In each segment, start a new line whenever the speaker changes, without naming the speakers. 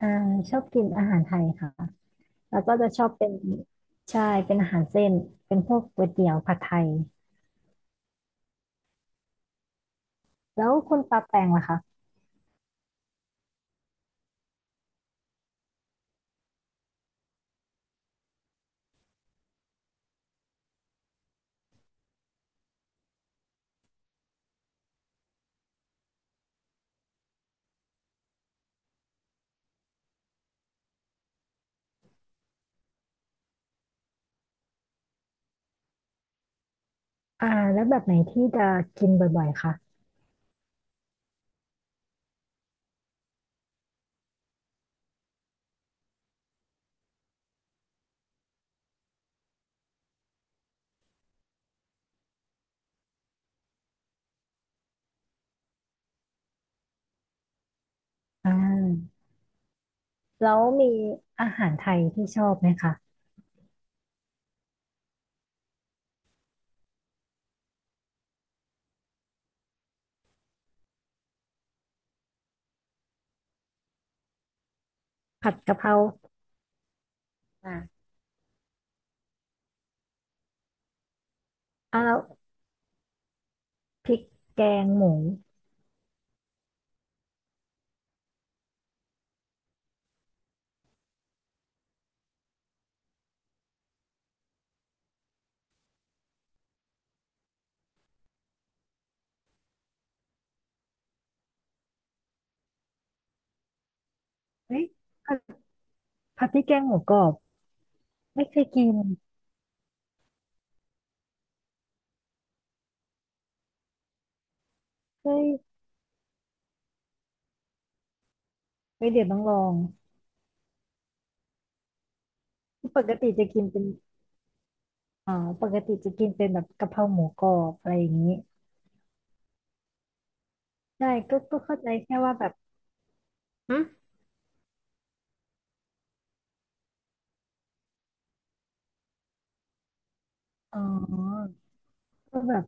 อ่าชอบกินอาหารไทยค่ะแล้วก็จะชอบเป็นใช่เป็นอาหารเส้นเป็นพวกก๋วยเตี๋ยวผัดไทยแล้วคุณปาแปงล่ะคะอ่าแล้วแบบไหนที่จะกินบ่อยๆคะอ่าแล้วมีอาหารไทยที่ชอบไหมคะผัดกะเพราอ่าแล้วพริกแกงหมูเฮ้ยผัดพริกแกงหมูกรอบไม่เคยกินเฮ้ยเฮ้ยเดี๋ยวต้องลองปกติจะกินเป็นอ่าปกติจะกินเป็นแบบกะเพราหมูกรอบอะไรอย่างนี้ ใช่ก็เข้าใจแค่ว่าแบบหึอ๋อก็แบบ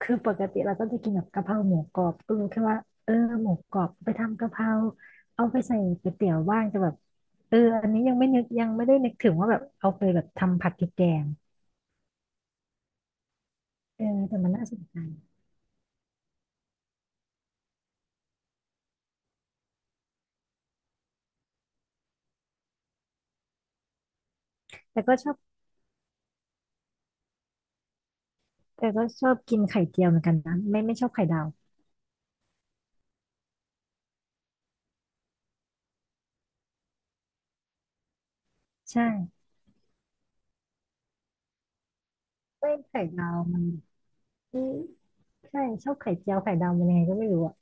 คือปกติเราก็จะกินแบบกะเพราหมูกรอบก็รู้แค่ว่าเออหมูกรอบไปทำกะเพราเอาไปใส่ก๋วยเตี๋ยวบ้างจะแบบเอออันนี้ยังไม่นึกยังไม่ได้นึกถึงว่าแบบเอาไปแบบทำผัดพริกแกงเออแต่มันน่าสนใจแต่ก็ชอบแต่ก็ชอบกินไข่เจียวเหมือนกันนะไม่ชอบไข่ดาวใช่ไม่ไข่ดาวมันอืมใช่ชอบไข่เจียวไข่ดาวมันยังไงก็ไม่รู้อะ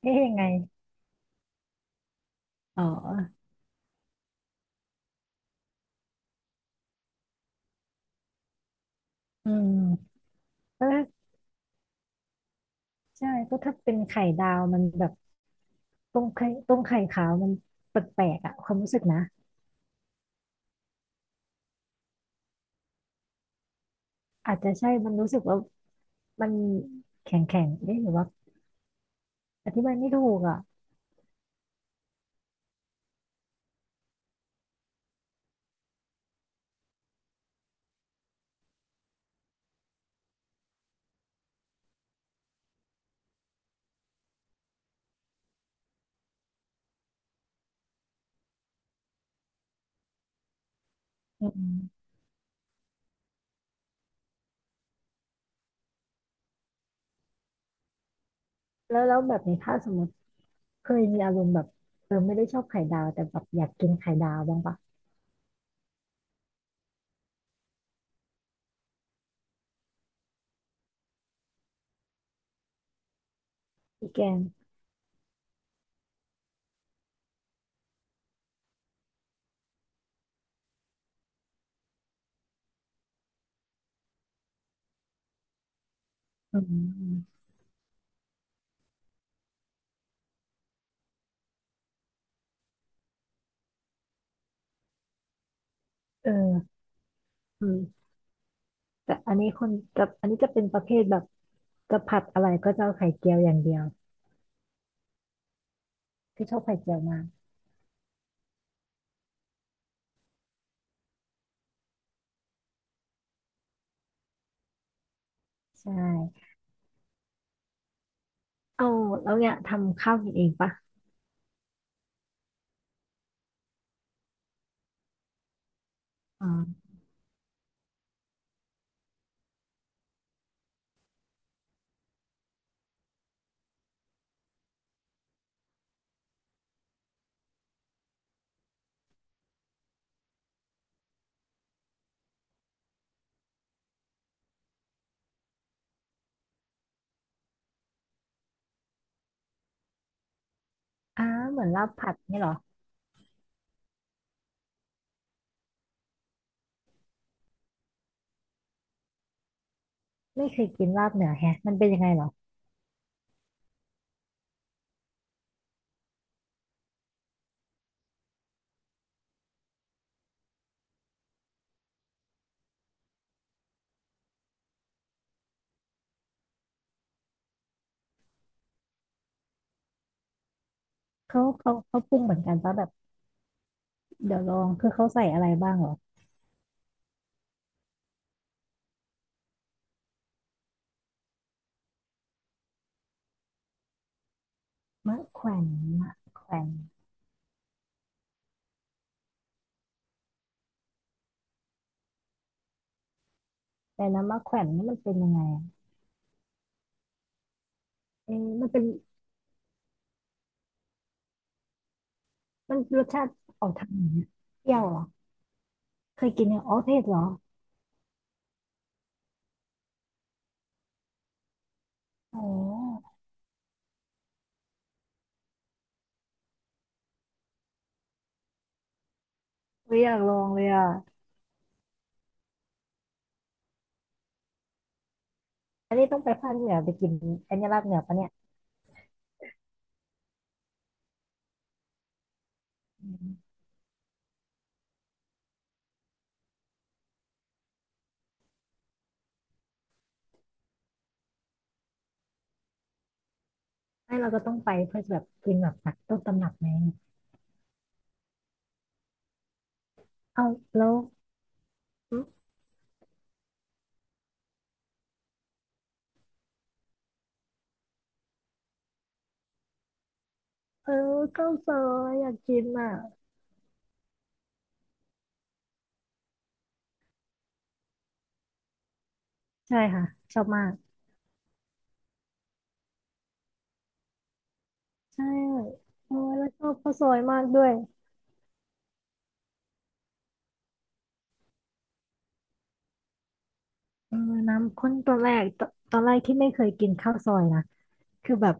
เอ๊ะยังไงอ๋ออืม ใช่ก็ถ้าเป็นไข่ดาวมันแบบต้มไข่ขาวมันแปลกๆอ่ะความรู้สึกนะอาจจะใช่มันรู้สึกว่ามันแข็งแข็งได้หรือว่าอธิบายไม่ถูกอ่ะอืมแล้วแบบนี้ถ้าสมมติเคยมีอารมณ์แบบเออไม่ได้ชอบไข่ดาวแต่แบบอยากกินไข่ดาวบ้างปะพี่แกงอืมเอออืมแต่อันนี้คนอันนี้จะเป็นประเภทแบบจะผัดอะไรก็จะเอาไข่เจียวอย่างเดียวคือชอบไข่เจียวมากใช่เอาแล้วเนี่ยทำข้าวกินเองปะอ๋อ อ่าเหมือนลาบผัดนี่เหรอไม่เคยกินลาบเหนือแฮะมันเป็นยังไงเหรอเขาปรุงเหมือนกันปะแบบเดี๋ยวลองคือเขาใส่อะไรบ้างเหรอมะแขวนมะแขวนแต่นะมะแขวนนี่มันเป็นยังไงอะเอ๊ะมันเป็นมันรสชาติออกทางไหนอะเปรี้ยวเหรอเคยกินเนี่ยอ๋อเผ็ดเหรออ๋อไม่อยากลองเลยอ่ะอันนี้ต้องไปภาคเหนือไปกินอันนี้ลาบเหนือปะเนี่ยอืมไม่เราก็ต้องไปเพื่อจะแบบกินแบบตักต้นตำรับไงเอาแล้วเออข้าวซอยอยากกินอ่ะ ใช่ค่ะชอบมากใช่เออแล้วชอบข้าวซอยมากด้วยเออน้ำข้นตอนแรกตอนแรกที่ไม่เคยกินข้าวซอยนะคือแบบ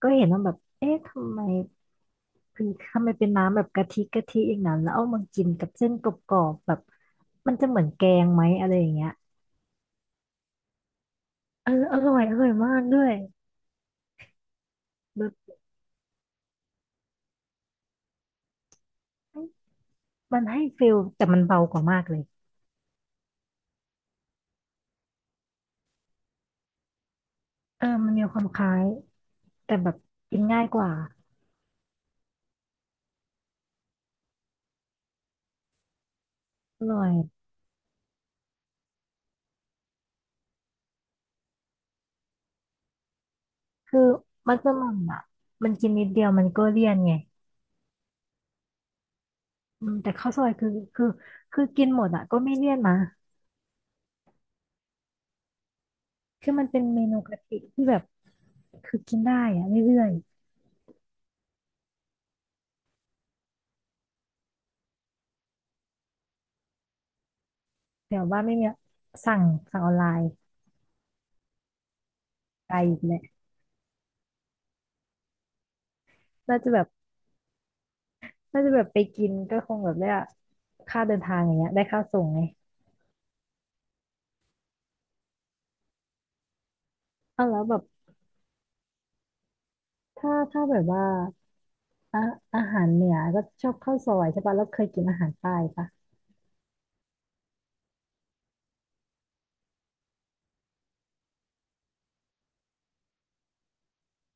ก็เห็นว่าแบบเอ๊ะทำไมคือทำไมเป็นน้ำแบบกะทิอย่างนั้นแล้วเอามากินกับเส้นกรอบๆแบบมันจะเหมือนแกงไหมอะไรอย่างเงี้ยเอออร่อยมากด้วยแบบมันให้ฟิลแต่มันเบากว่ามากเลยเออมันมีความคล้ายแต่แบบกินง่ายกว่าอร่อย คือมัสมั่นอ่ะมันกินนิดเดียวมันก็เลี่ยนไงอืมแต่ข้าวซอยคือคือกินหมดอ่ะก็ไม่เลี่ยนนะคือมันเป็นเมนูกะทิที่แบบคือกินได้อ่ะเรื่อยๆแต่ว่าไม่มีสั่งสั่งออนไลน์ไกลอีกแหละน่าจะแบบน่าจะแบบไปกินก็คงแบบได้ค่าเดินทางอย่างเงี้ยได้ค่าส่งไงเอาแล้วแบบถ้าแบบว่าอะอาหารเหนือก็ชอบข้าวซอยใช่ปะแล้วเคยกินอาหารใต้ปะ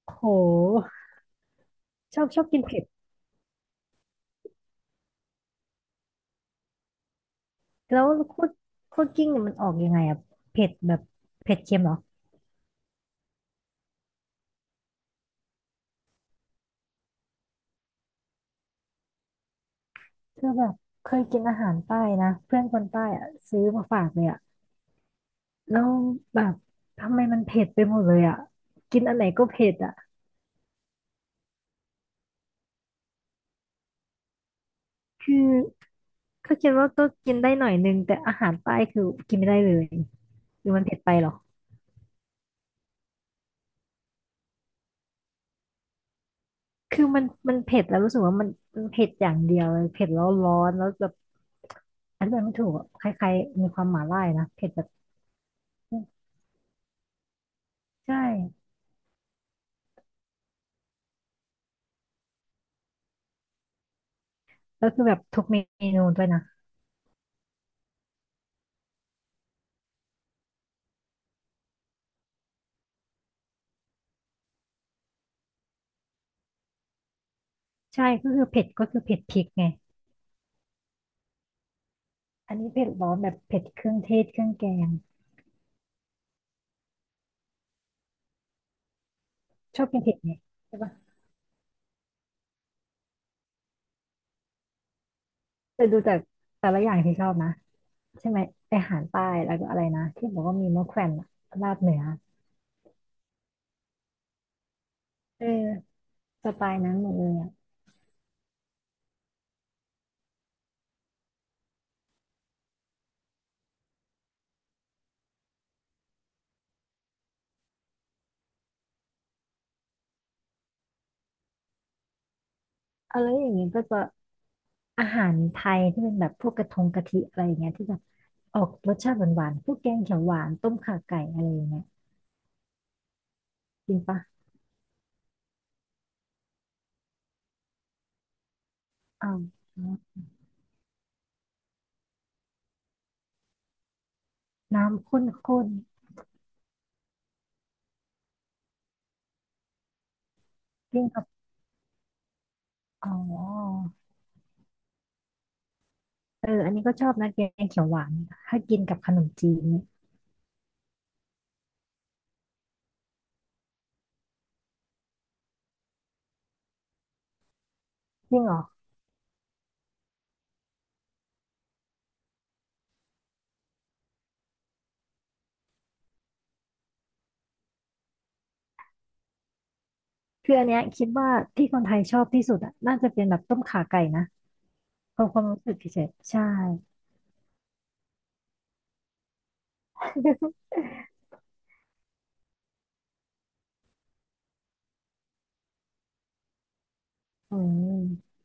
โหชอบชอบกินเผ็ด แล้วคั่วคั่วกลิ้งเนี่ยมันออกยังไงอะเผ็ดแบบเผ็ดเค็มเหรอคือแบบเคยกินอาหารใต้นะเพื่อนคนใต้อะซื้อมาฝากเลยอะแล้วแบบทำไมมันเผ็ดไปหมดเลยอะกินอันไหนก็เผ็ดอะคือก็คิดว่าก็กินได้หน่อยนึงแต่อาหารใต้คือกินไม่ได้เลยหรือมันเผ็ดไปเหรอคือมันเผ็ดแล้วรู้สึกว่ามันเผ็ดอย่างเดียวเลยเผ็ดแล้วร้อนแล้วแบบอันนี้มันไม่ถูกอะคล้ายๆมีความหม่าล่านะเผ็ดแบบใช่แล้วคือแบบทุกเมนูด้วยนะ ใช่ก็คือเผ็ดก็คือเผ็ดพริกไงอันนี้เผ็ดร้อนแบบเผ็ดเครื่องเทศเครื่องแกงชอบกินเผ็ดไหมใช่ปะแต่ดูจากแต่ละอย่างที่ชอบนะใช่ไหมไออาหารใต้แล้วก็อะไรนะที่บอกว่ามีมะแขวนอะลาบเหนือเออสไตล์นั้นหมดเลยอะอะไรอย่างนงี้ก็จะอาหารไทยที่เป็นแบบพวกกระทงกะทิอะไรอย่างเงี้ยที่แบบออกรสชาติหวานๆพวกแกงเขียวหวานต้มข่าไก่อะไรอย่างเงี้ยกินปะอ้าวน้ำข้นๆกินกับอ๋อ เอออันนี้ก็ชอบนะแกงเขียวหวาน ถ้ากินกับขนมจีนนี่จริงเหรอคืออันเนี้ยคิดว่าที่คนไทยชอบที่สุดอะน่าจะเป็นแบบต้มข่าไก่นะความความรู้สึกเฉยๆใช่อืม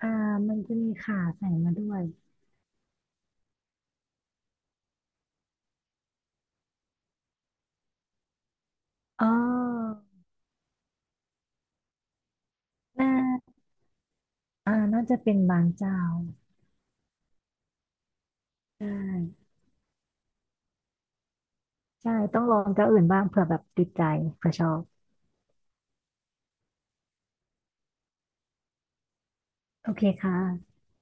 อ่ามันจะมีข่าใส่มาด้วยอ๋อน่าน่าจะเป็นบางเจ้า ใช่ใช่ต้องลองเจ้าอื่นบ้างเผื่อแบบติดใจเผื่อชอบ โอเคค่ะ